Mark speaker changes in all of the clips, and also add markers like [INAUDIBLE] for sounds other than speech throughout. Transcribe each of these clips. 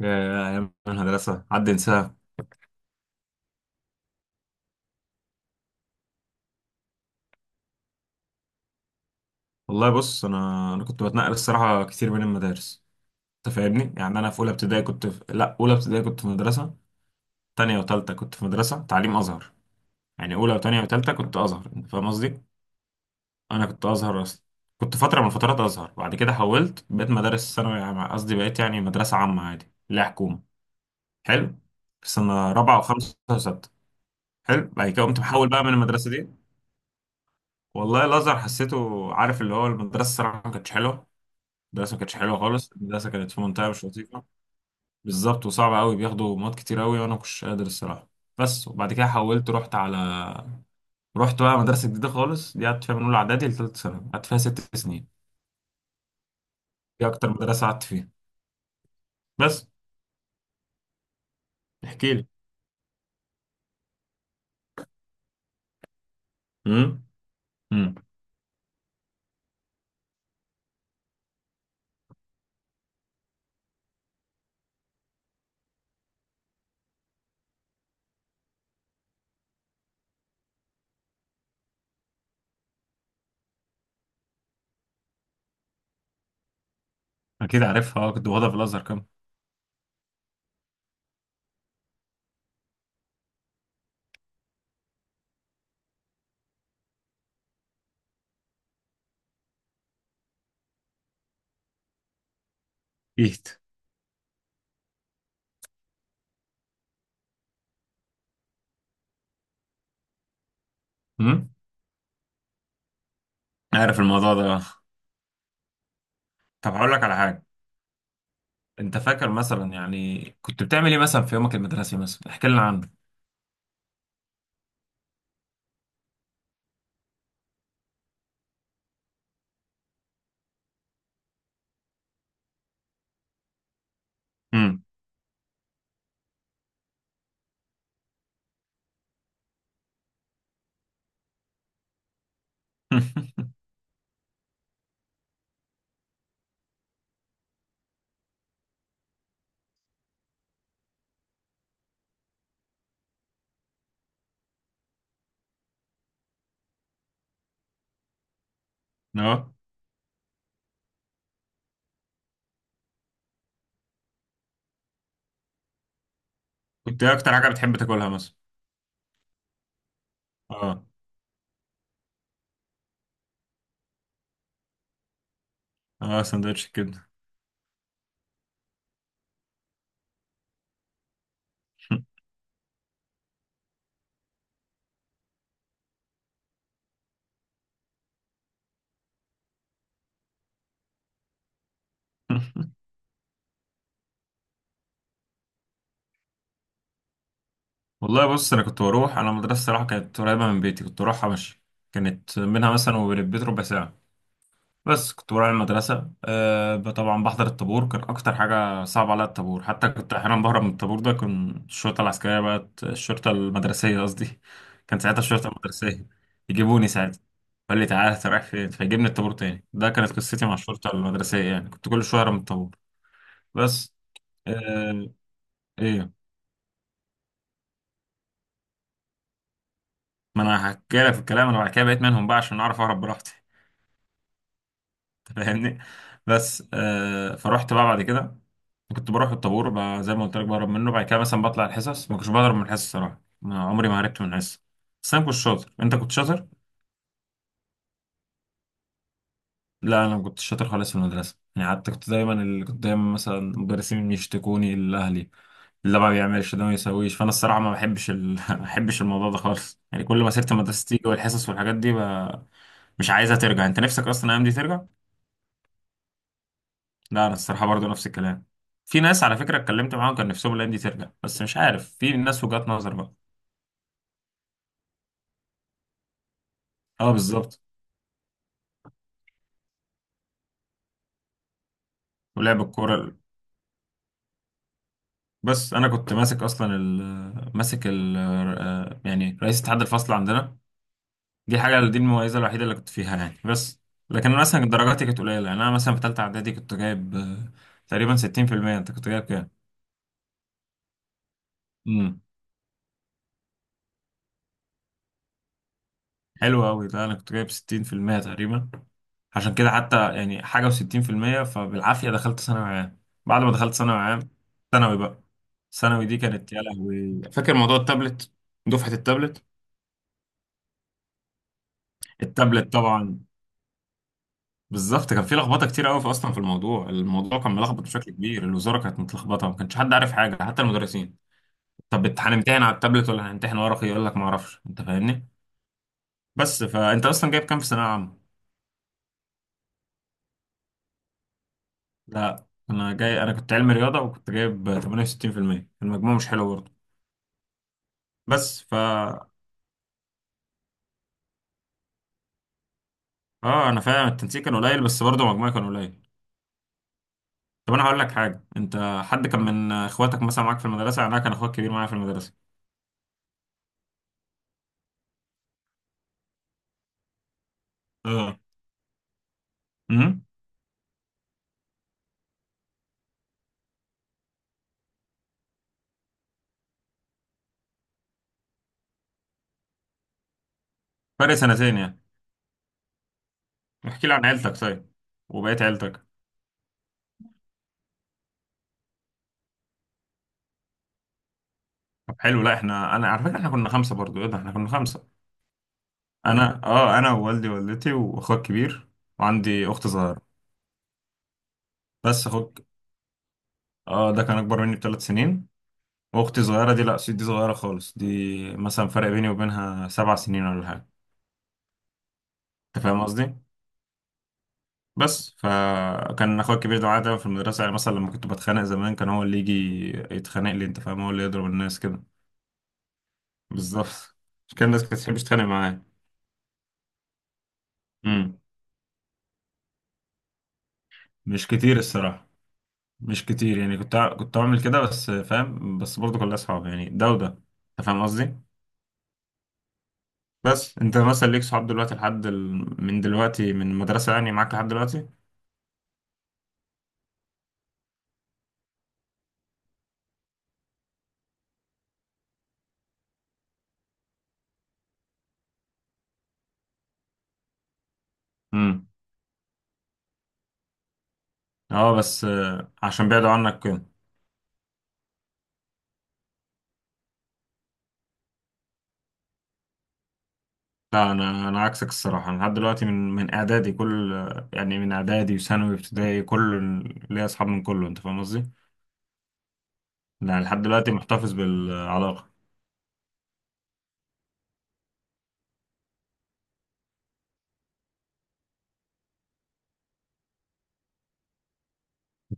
Speaker 1: يا أيام المدرسة حد ينساها. والله بص، أنا كنت بتنقل الصراحة كتير بين المدارس. أنت فاهمني، يعني أنا في أولى ابتدائي كنت في... لا أولى ابتدائي كنت في مدرسة، تانية وتالتة كنت في مدرسة تعليم أزهر. يعني أولى وتانية وتالتة كنت أزهر، أنت فاهم قصدي؟ أنا كنت أزهر أصلا. كنت فترة من الفترات أزهر، بعد كده حولت، بقيت مدارس ثانوي عام- قصدي بقيت يعني مدرسة عامة عادي اللي هي حكومة. حلو، في سنة رابعة وخمسة وستة. حلو، بعد كده قمت محول بقى من المدرسة دي. والله الأزهر حسيته، عارف اللي هو المدرسة، الصراحة ما كانتش حلوة. المدرسة ما كانتش حلوة خالص، المدرسة كانت في منطقة مش لطيفة. بالظبط، وصعبة أوي، بياخدوا مواد كتير أوي وأنا مكنتش قادر الصراحة. بس، وبعد كده حولت رحت بقى مدرسة جديدة خالص، دي قعدت فيها من أولى إعدادي لتالتة ثانوي، قعدت فيها 6 سنين. دي أكتر مدرسة قعدت فيها، بس. احكي لي. امم. امم. أكيد عارفها، أه كنت واخدها في الأزهر كام. جيت. امم. عارف الموضوع ده أه. طب هقول لك على حاجة، أنت فاكر مثلا يعني كنت بتعمل إيه مثلا في يومك المدرسي؟ مثلا احكي لنا عنه. امم. [LAUGHS] أه. كنت إيه أكتر حاجة بتحب تاكلها مثلا؟ اه. اه سندوتش الكبدة. [LAUGHS] والله بص، انا كنت بروح انا مدرسة صراحة كانت قريبة من بيتي، كنت بروحها ماشي. كانت منها مثلا وبين البيت ربع ساعة. بس كنت بروح المدرسة طبعا بحضر الطابور، كان أكتر حاجة صعبة عليا الطابور، حتى كنت أحيانا بهرب من الطابور ده، كان الشرطة العسكرية بقت الشرطة المدرسية قصدي. [LAUGHS] كان ساعتها الشرطة المدرسية يجيبوني ساعتها، قال لي تعالى أنت رايح فين، فيجيبني الطابور تاني، ده كانت قصتي مع الشرطة المدرسية، يعني كنت كل شوية أهرب من الطابور، بس. آه إيه؟ ما انا هحكي لك في الكلام، انا بعد كده بقيت منهم بقى عشان اعرف اهرب براحتي. [LAUGHS] انت فاهمني. بس فرحت بقى بعد كده، كنت بروح الطابور بقى زي ما قلت لك بهرب منه، بعد كده مثلا بطلع الحصص، ما كنتش بهرب من الحصص صراحه، ما عمري ما هربت من الحصص بس. انا كنت شاطر، انت كنت شاطر. لا انا ما كنتش شاطر خالص في المدرسه يعني، حتى كنت دايما مثلا المدرسين يشتكوني الاهلي، اللي ما بيعملش ده ما يسويش، فانا الصراحه ما بحبش ال... [LAUGHS] ما بحبش الموضوع ده خالص، يعني كل ما سيره المدرسه تيجي والحصص والحاجات دي مش عايزها ترجع، انت نفسك اصلا الايام دي ترجع؟ لا انا الصراحه برضو نفس الكلام، في ناس على فكره اتكلمت معاهم كان نفسهم الايام دي ترجع، بس مش عارف، في ناس وجهات نظر بقى. اه بالظبط. ولعب الكوره ال- بس انا كنت ماسك اصلا ال ماسك ال آه، يعني رئيس اتحاد الفصل عندنا، دي المميزه الوحيده اللي كنت فيها يعني، بس. لكن أنا مثلا درجاتي كانت قليله، يعني انا مثلا في ثالثه اعدادي كنت جايب تقريبا 60%، انت كنت جايب كام؟ امم. حلو قوي ده، انا كنت جايب 60% تقريبا، عشان كده حتى يعني حاجة وستين في المية فبالعافية دخلت ثانوي عام. بعد ما دخلت ثانوي عام، ثانوي بقى ثانوي دي كانت يا لهوي، فاكر موضوع التابلت؟ دفعة التابلت. التابلت طبعا. بالظبط، كان في لخبطة كتير قوي في أصلا في الموضوع، الموضوع كان ملخبط بشكل كبير، الوزارة كانت متلخبطة، ما كانش حد عارف حاجة حتى المدرسين. هنمتحن على التابلت ولا هنمتحن ورقي؟ يقول لك ما اعرفش، انت فاهمني. بس فانت اصلا جايب كام في ثانوية عامة؟ لا انا كنت علمي رياضة وكنت جايب 68%، المجموع مش حلو برضه، بس ف اه. انا فاهم، التنسيق كان قليل بس برضه مجموعي كان قليل. طب انا هقول لك حاجه، انت حد كان من اخواتك مثلا معاك في المدرسه؟ يعني انا كان اخوك كبير معايا في المدرسه. اه. امم. فرق سنتين يعني. احكي لي عن عيلتك طيب، وبقيت عيلتك. طب حلو، لا احنا انا على فكره احنا كنا خمسه برضو، ايه ده احنا كنا خمسه. انا اه، انا ووالدي ووالدتي واخوك كبير، وعندي اخت صغيره، بس اخوك اه ده كان اكبر مني بثلاث سنين، واختي صغيره دي، لا دي صغيره خالص دي، مثلا فرق بيني وبينها 7 سنين ولا حاجه، انت فاهم قصدي. بس فكان اخويا الكبير ده معايا دايما في المدرسه، يعني مثلا لما كنت بتخانق زمان كان هو اللي يجي يتخانق لي، انت فاهم، هو اللي يضرب الناس كده. بالظبط، مش كان الناس كانت بتحب تتخانق معايا. امم. مش كتير الصراحه، مش كتير يعني، كنت بعمل كده، بس فاهم، بس برضه كلها اصحاب يعني ده وده، انت فاهم قصدي. بس انت مثلا ليك صحاب دلوقتي لحد من دلوقتي من المدرسه يعني معاك لحد دلوقتي؟ امم. اه بس عشان بعدوا عنك كده. لا انا، انا عكسك الصراحه لحد دلوقتي من اعدادي كل، يعني من اعدادي وثانوي وابتدائي كل، ليا اصحاب من كله، انت فاهم قصدي. لا لحد دلوقتي محتفظ بالعلاقه.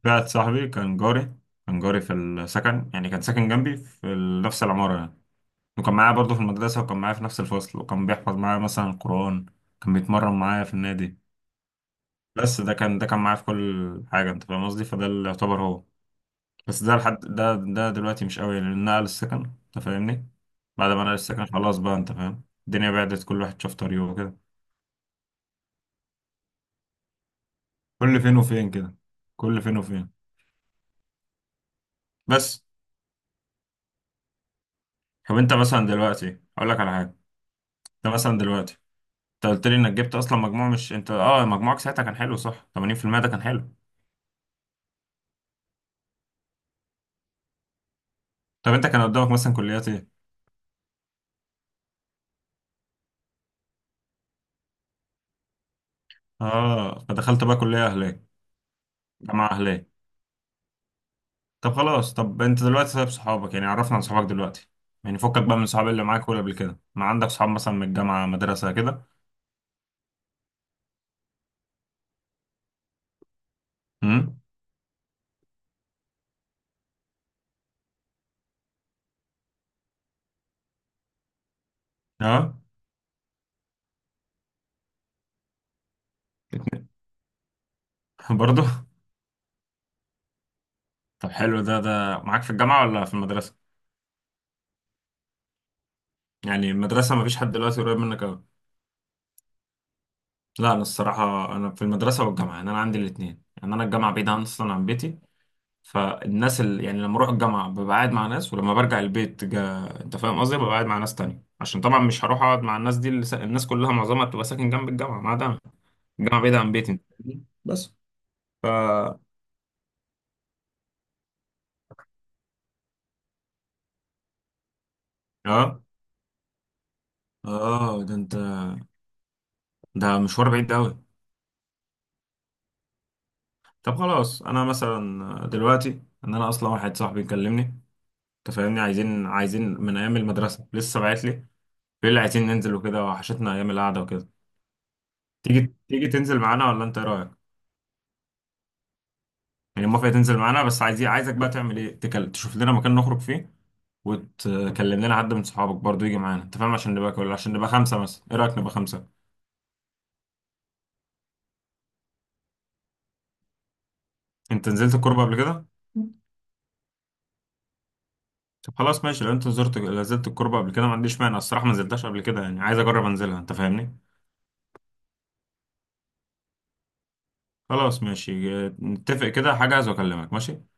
Speaker 1: واحد صاحبي كان جاري، كان جاري في السكن، يعني كان ساكن جنبي في نفس العماره يعني، وكان معايا برضه في المدرسه، وكان معايا في نفس الفصل، وكان بيحفظ معايا مثلا القران، كان بيتمرن معايا في النادي، بس. ده كان معايا في كل حاجه، انت فاهم قصدي، فده اللي يعتبر هو. بس ده لحد ده ده دلوقتي مش قوي لان نقل السكن، انت فاهمني. بعد ما نقل السكن خلاص بقى، انت فاهم، الدنيا بعدت كل واحد شاف طريقه وكده. كل فين وفين كده، كل فين وفين، بس. طب انت مثلا دلوقتي، اقول لك على حاجه، انت مثلا دلوقتي، انت قلت لي انك جبت اصلا مجموع، مش انت اه مجموعك ساعتها كان حلو صح؟ 80% ده كان حلو. طب انت كان قدامك مثلا كليات ايه؟ اه فدخلت بقى كليه اهليه، جامعه اهليه. طب خلاص، طب انت دلوقتي، طيب صحابك يعني عرفنا عن صحابك دلوقتي، يعني فكك بقى من صحاب اللي معاك، ولا قبل كده ما عندك صحاب مثلا من الجامعة، مدرسة كده؟ امم. اه. اتنين. [LAUGHS] برضه. طب حلو، ده معاك في الجامعة ولا في المدرسة؟ يعني المدرسة ما فيش حد دلوقتي قريب منك قوي. لا انا الصراحة انا في المدرسة والجامعة، يعني انا عندي الاتنين، يعني انا الجامعة بعيدة اصلا عن بيتي، فالناس اللي يعني لما اروح الجامعة ببقى قاعد مع ناس، ولما برجع البيت انت فاهم قصدي، ببقى قاعد مع ناس تانية، عشان طبعا مش هروح اقعد مع الناس دي اللي الناس كلها معظمها بتبقى ساكن جنب الجامعة، ما دام جامعة بعيدة عن بيتي، بس ف اه. اه ده انت، ده مشوار بعيد قوي. طب خلاص انا مثلا دلوقتي، ان انا اصلا واحد صاحبي كلمني، انت فاهمني، عايزين من ايام المدرسه لسه باعت لي، بيقول لي عايزين ننزل وكده، وحشتنا ايام القعده وكده. تيجي تنزل معانا ولا انت إيه رايك؟ يعني موافق تنزل معانا، بس عايز، عايزك بقى تعمل ايه، تشوف لنا مكان نخرج فيه، وتكلم لنا حد من صحابك برضو يجي معانا، انت فاهم، عشان نبقى خمسه، مثلا ايه رايك نبقى خمسه؟ انت نزلت الكوربه قبل كده؟ طب خلاص ماشي، لو انت زرت نزلت الكوربة قبل كده، ما عنديش مانع، الصراحة ما نزلتهاش قبل كده، يعني عايز اجرب انزلها، انت فاهمني. خلاص ماشي نتفق كده، هحجز واكلمك ماشي.